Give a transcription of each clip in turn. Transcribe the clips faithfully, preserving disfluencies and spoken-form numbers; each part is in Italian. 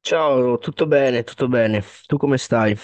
Ciao, tutto bene, tutto bene. Tu come stai?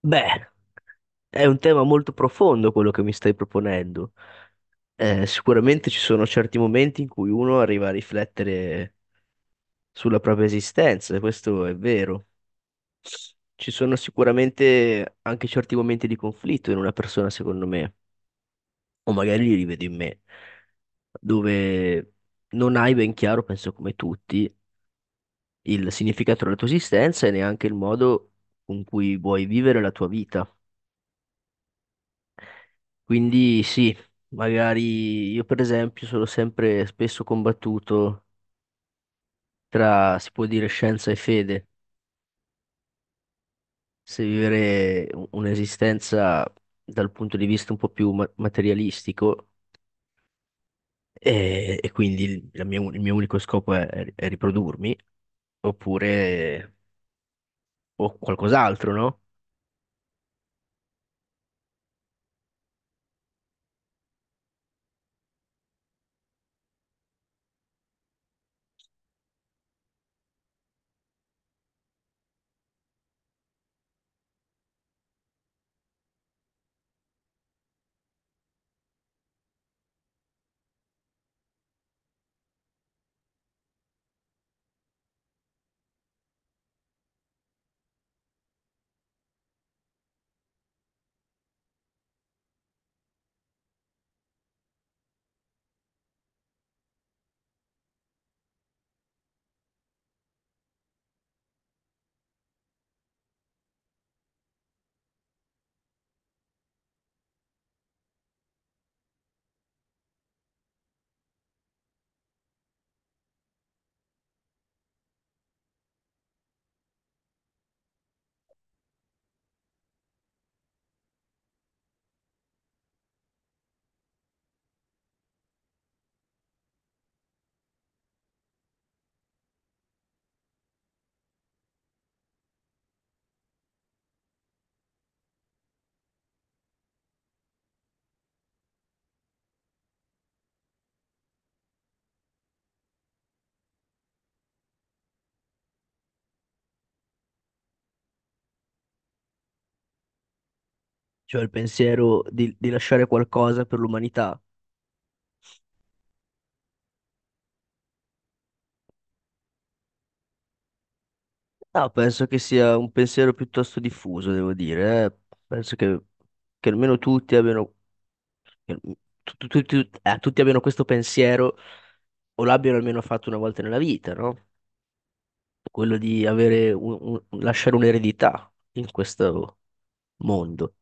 Beh, è un tema molto profondo quello che mi stai proponendo. Eh, sicuramente ci sono certi momenti in cui uno arriva a riflettere sulla propria esistenza, e questo è vero. Ci sono sicuramente anche certi momenti di conflitto in una persona, secondo me, o magari li rivedo in me, dove non hai ben chiaro, penso come tutti, il significato della tua esistenza e neanche il modo con cui vuoi vivere la tua vita. Quindi sì, magari io per esempio sono sempre spesso combattuto tra, si può dire, scienza e fede, se vivere u- un'esistenza dal punto di vista un po' più ma- materialistico e, e quindi il, la mia un- il mio unico scopo è, è riprodurmi, oppure o qualcos'altro, no? Cioè il pensiero di, di lasciare qualcosa per l'umanità. No, penso che sia un pensiero piuttosto diffuso, devo dire, eh. Penso che che almeno tutti abbiano che tu- tu- tu- eh, tutti abbiano questo pensiero o l'abbiano almeno fatto una volta nella vita, no? Quello di avere un- un- un- lasciare un'eredità in questo mondo,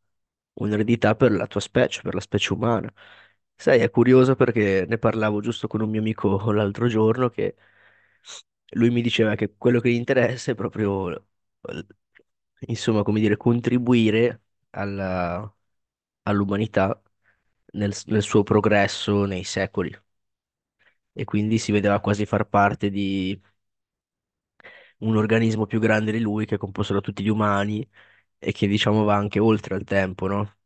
un'eredità per la tua specie, per la specie umana. Sai, è curioso perché ne parlavo giusto con un mio amico l'altro giorno che lui mi diceva che quello che gli interessa è proprio, eh, insomma, come dire, contribuire alla- all'umanità nel, nel suo progresso nei secoli. E quindi si vedeva quasi far parte di un organismo più grande di lui che è composto da tutti gli umani e che diciamo va anche oltre al tempo, no?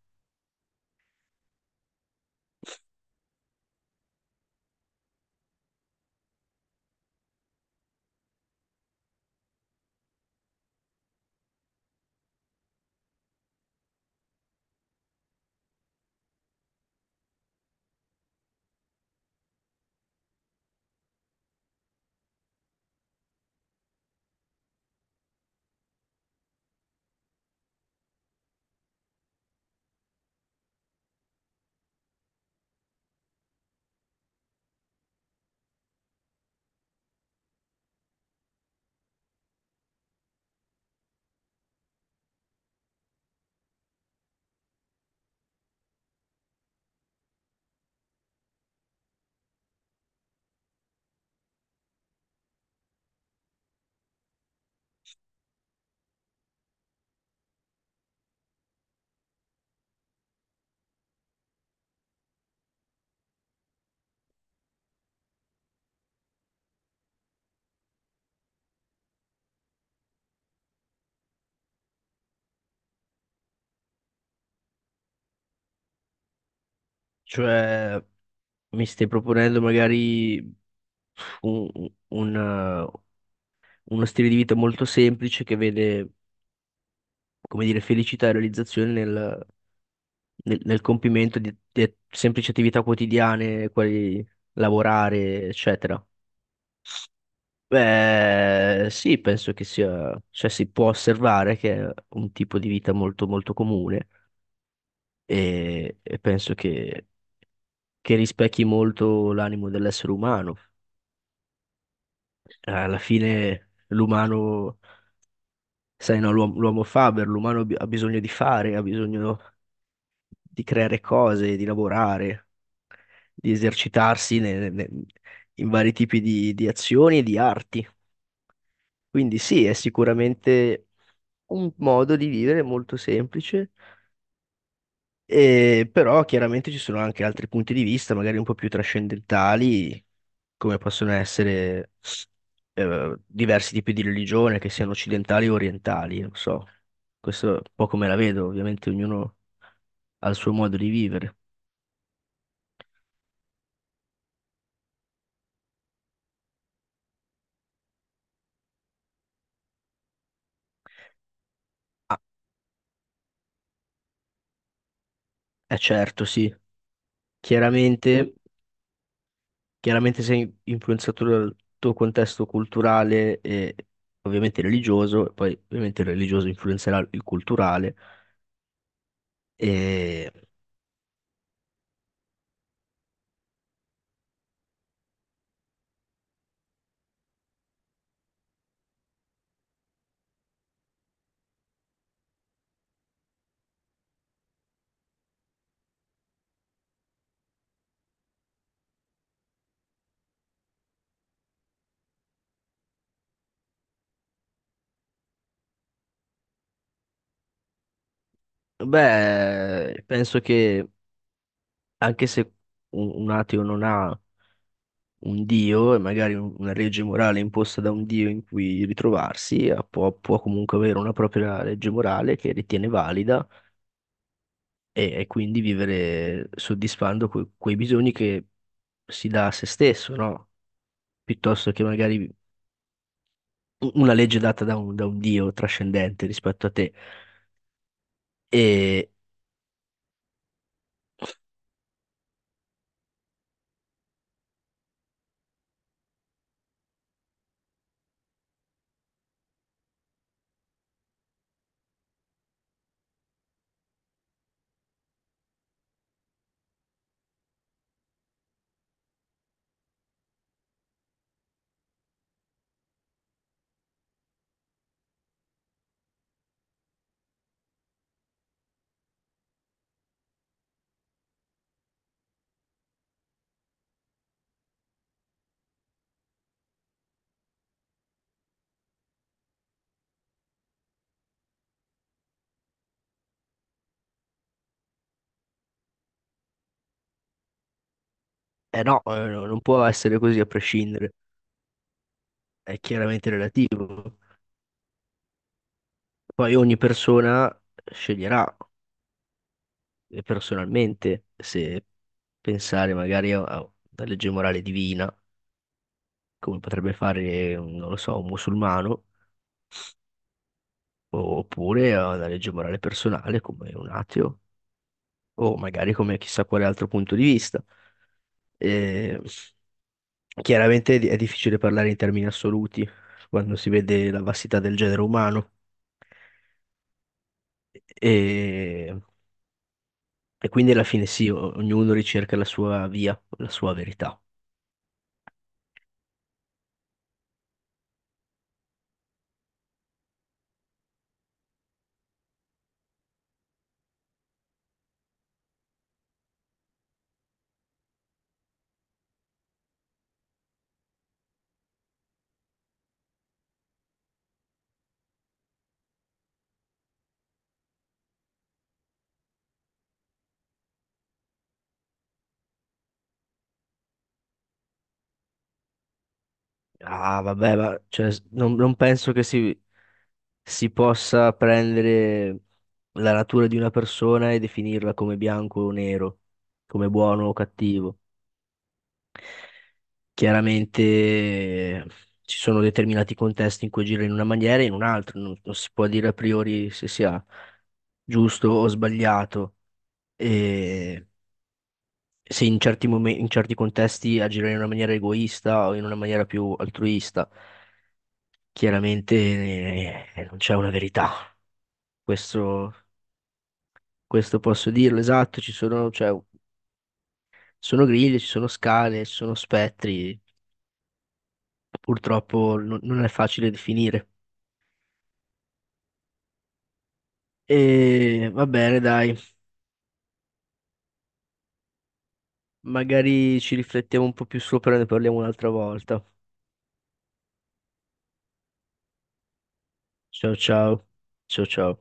Cioè, mi stai proponendo magari un- un, eh, uno stile di vita molto semplice che vede, come dire, felicità e realizzazione nel, nel- nel compimento di, di semplici attività quotidiane, quali lavorare, eccetera. Beh, sì, penso che sia, cioè si può osservare che è un tipo di vita molto molto comune e, e penso che, che rispecchi molto l'animo dell'essere umano. Alla fine l'umano, sai, no, l'uomo l'uomo faber, l'umano ha bi- ha bisogno di fare, ha bisogno di creare cose, di lavorare, di esercitarsi ne- ne- in vari tipi di, di azioni e di arti. Quindi sì, è sicuramente un modo di vivere molto semplice, e però chiaramente ci sono anche altri punti di vista, magari un po' più trascendentali, come possono essere eh, diversi tipi di religione, che siano occidentali o orientali, non so. Questo è un po' come la vedo, ovviamente ognuno ha il suo modo di vivere. Ah, eh certo, sì. Chiaramente Chiaramente sei influenzato dal tuo contesto culturale e ovviamente religioso, e poi ovviamente il religioso influenzerà il culturale. E beh, penso che anche se un, un ateo non ha un dio e magari un- una legge morale imposta da un dio in cui ritrovarsi, eh, può, può comunque avere una propria legge morale che ritiene valida e, e quindi vivere soddisfando que- quei bisogni che si dà a se stesso, no? Piuttosto che magari u- una legge data da un, da un Dio trascendente rispetto a te. E eh no, eh, no, non può essere così a prescindere, è chiaramente relativo. Poi ogni persona sceglierà eh, personalmente se pensare magari a a una legge morale divina, come potrebbe fare, non lo so, un musulmano, oppure a una legge morale personale come un ateo, o magari come chissà quale altro punto di vista. E chiaramente è di- è difficile parlare in termini assoluti quando si vede la vastità del genere umano. E, e quindi alla fine sì, o- ognuno ricerca la sua via, la sua verità. Ah, vabbè, ma cioè, s- non, non penso che si, si possa prendere la natura di una persona e definirla come bianco o nero, come buono o cattivo. Chiaramente ci sono determinati contesti in cui agire in una maniera e in un'altra, non, non si può dire a priori se sia giusto o sbagliato. E se in certi momenti, in certi contesti agire in una maniera egoista o in una maniera più altruista, chiaramente eh, non c'è una verità. Questo, questo posso dirlo, esatto, ci sono, cioè, sono griglie, ci sono scale, ci sono spettri, purtroppo non non è facile definire. E va bene, dai, magari ci riflettiamo un po' più sopra e ne parliamo un'altra volta. Ciao ciao. Ciao ciao.